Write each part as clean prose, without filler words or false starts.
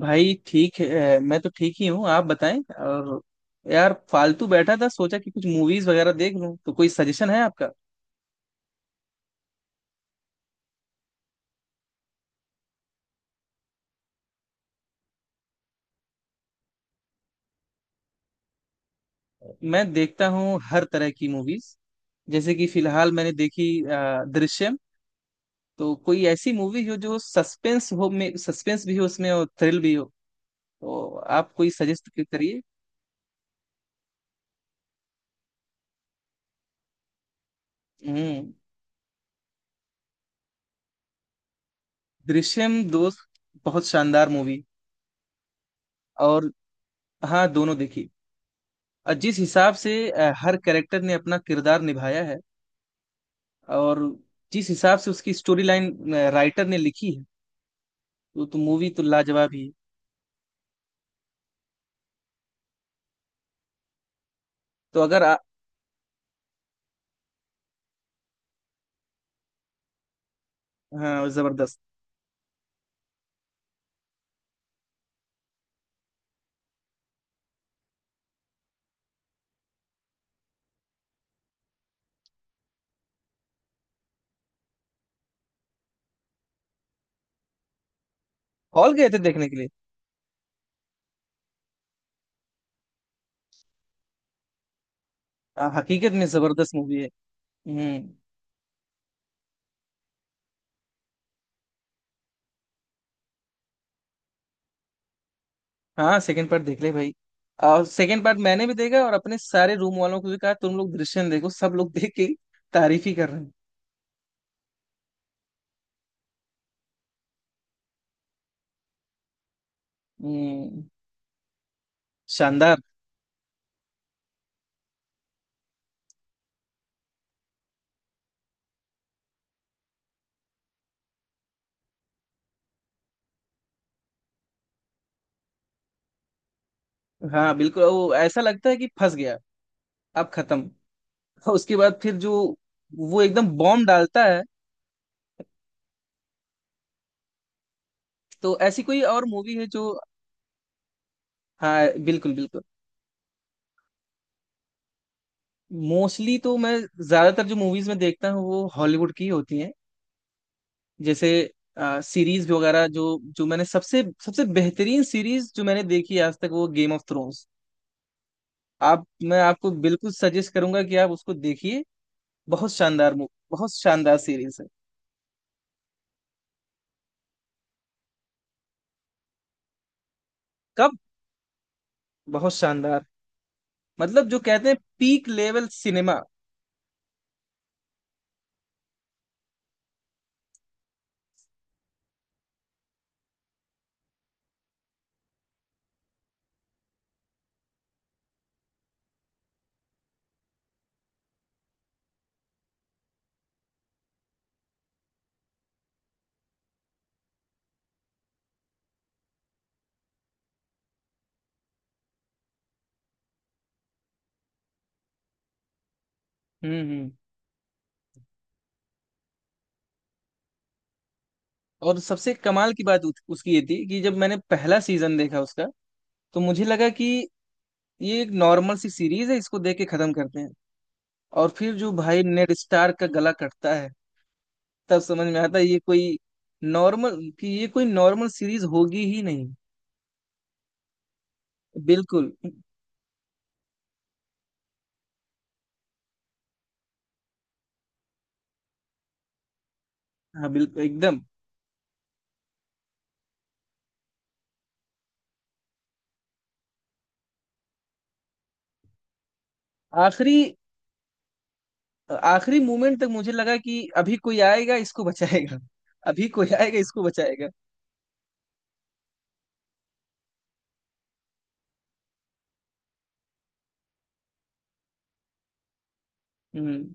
भाई ठीक है। मैं तो ठीक ही हूँ, आप बताएं। और यार, फालतू बैठा था, सोचा कि कुछ मूवीज वगैरह देख लूं। तो कोई सजेशन है आपका? मैं देखता हूँ हर तरह की मूवीज। जैसे कि फिलहाल मैंने देखी दृश्यम। तो कोई ऐसी मूवी हो जो सस्पेंस हो, में सस्पेंस भी हो उसमें और थ्रिल भी हो। तो आप कोई सजेस्ट करिए। हम्म। दृश्यम, दोस्त, बहुत शानदार मूवी। और हाँ, दोनों देखी। और जिस हिसाब से हर कैरेक्टर ने अपना किरदार निभाया है, और जिस हिसाब से उसकी स्टोरी लाइन राइटर ने लिखी है, तो मूवी तो लाजवाब ही है। तो अगर हाँ, जबरदस्त। हॉल गए थे देखने के लिए? हकीकत में जबरदस्त मूवी है। हम्म। हाँ, सेकंड पार्ट देख ले भाई। और सेकंड पार्ट मैंने भी देखा और अपने सारे रूम वालों को भी कहा तुम लोग दृश्यम देखो। सब लोग देख के तारीफ ही कर रहे हैं। हम्म। शानदार। हाँ बिल्कुल, वो ऐसा लगता है कि फंस गया, अब खत्म। और उसके बाद फिर जो, वो एकदम बॉम्ब डालता है। तो ऐसी कोई और मूवी है जो। हाँ बिल्कुल बिल्कुल। मोस्टली तो मैं, ज्यादातर जो मूवीज में देखता हूँ वो हॉलीवुड की होती हैं। जैसे सीरीज वगैरह, जो जो मैंने सबसे सबसे बेहतरीन सीरीज जो मैंने देखी आज तक, वो गेम ऑफ थ्रोन्स। आप मैं आपको बिल्कुल सजेस्ट करूंगा कि आप उसको देखिए। बहुत शानदार मूवी, बहुत शानदार सीरीज है। कब? बहुत शानदार। मतलब जो कहते हैं पीक लेवल सिनेमा। हम्म। और सबसे कमाल की बात उसकी ये थी कि जब मैंने पहला सीजन देखा उसका, तो मुझे लगा कि ये एक नॉर्मल सी सीरीज है, इसको देख के खत्म करते हैं। और फिर जो भाई नेड स्टार का गला कटता है, तब समझ में आता है ये कोई, नॉर्मल कि ये कोई नॉर्मल सीरीज होगी ही नहीं। बिल्कुल। हाँ बिल्कुल एकदम। आखिरी, आखिरी मोमेंट तक मुझे लगा कि अभी कोई आएगा इसको बचाएगा, अभी कोई आएगा इसको बचाएगा। हम्म।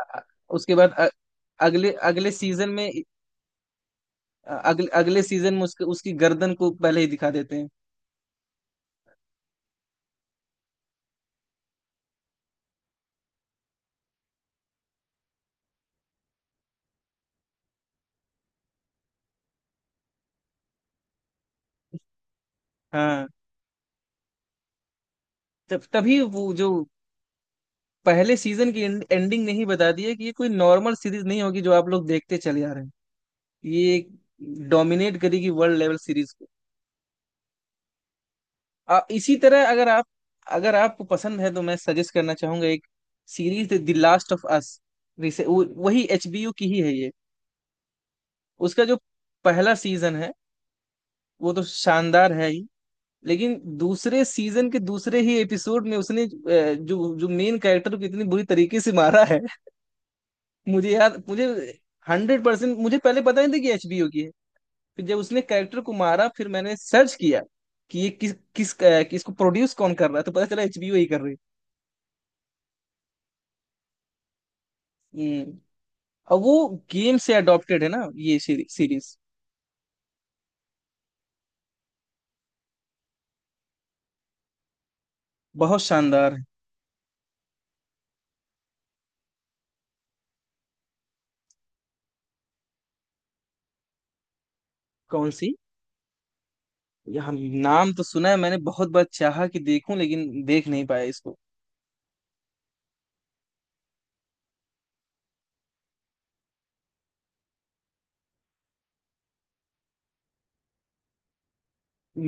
अ- उसके बाद अ- अगले अगले सीजन में अ- अगले अगले सीजन में उसके उसकी गर्दन को पहले ही दिखा देते हैं। हाँ, तब तभी वो जो पहले सीजन की एंडिंग नहीं बता दी है कि ये कोई नॉर्मल सीरीज नहीं होगी जो आप लोग देखते चले आ रहे हैं। ये एक डोमिनेट करेगी वर्ल्ड लेवल सीरीज को। इसी तरह अगर आपको पसंद है तो मैं सजेस्ट करना चाहूंगा एक series, the last of us. वही एचबीयू की ही है ये। उसका जो पहला सीजन है वो तो शानदार है ही, लेकिन दूसरे सीजन के दूसरे ही एपिसोड में उसने जो जो मेन कैरेक्टर को इतनी बुरी तरीके से मारा है। मुझे यार, मुझे 100%, मुझे पहले पता नहीं था कि एचबीओ की है। फिर जब उसने कैरेक्टर को मारा, फिर मैंने सर्च किया कि ये किस किस अ, कि इसको प्रोड्यूस कौन कर रहा है, तो पता चला एचबीओ ही कर रही है। हम्म। और वो गेम से अडॉप्टेड है ना ये सीरीज। बहुत शानदार है। कौन सी? ये हम, नाम तो सुना है, मैंने बहुत बार चाहा कि देखूं लेकिन देख नहीं पाया इसको।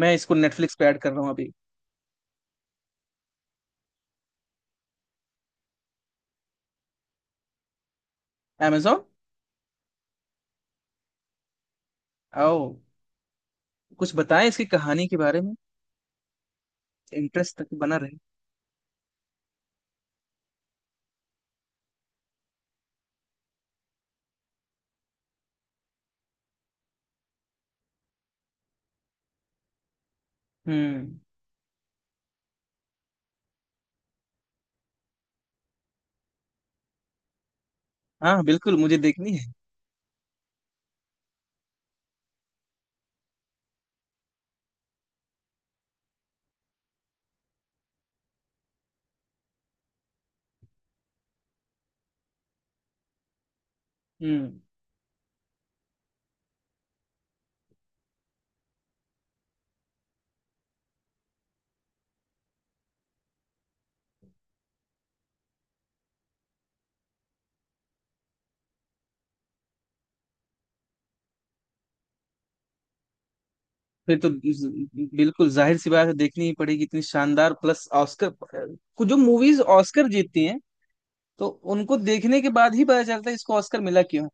मैं इसको नेटफ्लिक्स पे ऐड कर रहा हूँ अभी। Amazon? आओ, कुछ बताएं इसकी कहानी के बारे में। इंटरेस्ट तक बना रहे। हम्म। हाँ बिल्कुल, मुझे देखनी है। हम्म। फिर तो बिल्कुल जाहिर सी बात है, देखनी ही पड़ेगी। इतनी शानदार प्लस ऑस्कर। कुछ जो मूवीज ऑस्कर जीतती हैं, तो उनको देखने के बाद ही पता चलता है इसको ऑस्कर मिला क्यों है।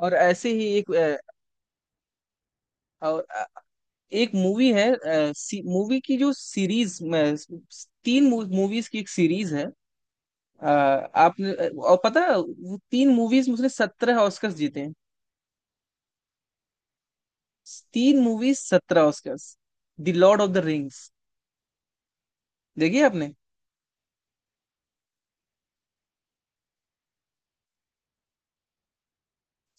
और ऐसे ही एक और अ, एक मूवी है, मूवी की जो सीरीज तीन मूवीज की एक सीरीज है। अ, आपने अ, और पता है, वो तीन मूवीज में उसने 17 ऑस्कर जीते हैं। तीन movies, 17 Oscar. The Lord of the Rings. देखिए आपने?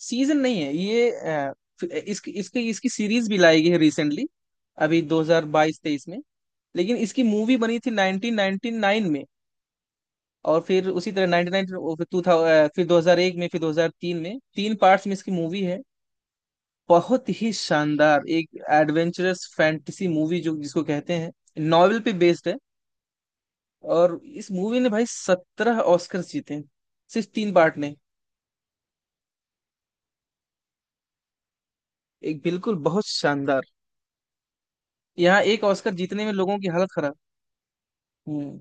सीजन नहीं है ये, इसकी इसकी इसकी सीरीज भी लाई गई है रिसेंटली, अभी 2022-23 में। लेकिन इसकी मूवी बनी थी 1999 में। और फिर उसी तरह 1999 और फिर 2000, फिर 2001 में, फिर 2003 में, तीन पार्ट्स में इसकी मूवी है। बहुत ही शानदार एक एडवेंचरस फैंटेसी मूवी, जो जिसको कहते हैं नॉवेल पे बेस्ड है। और इस मूवी ने भाई 17 ऑस्कर जीते हैं, सिर्फ 3 पार्ट ने। एक बिल्कुल बहुत शानदार। यहाँ एक ऑस्कर जीतने में लोगों की हालत खराब। हम्म।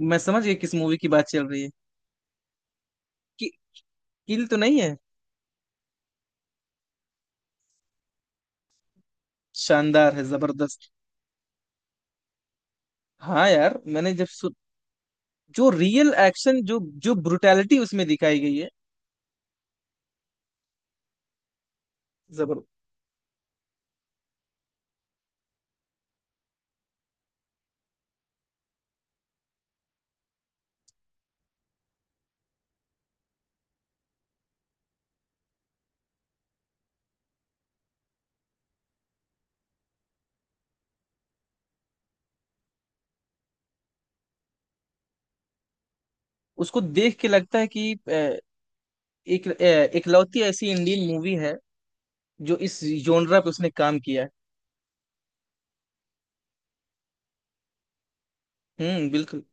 मैं समझ गया किस मूवी की बात चल रही है। कि किल तो नहीं है? शानदार है, जबरदस्त। हाँ यार, मैंने जब सु... जो रियल एक्शन, जो जो ब्रुटैलिटी उसमें दिखाई गई है। जबर। उसको देख के लगता है कि एक इकलौती ऐसी इंडियन मूवी है जो इस जोनरा पे उसने काम किया है। बिल्कुल।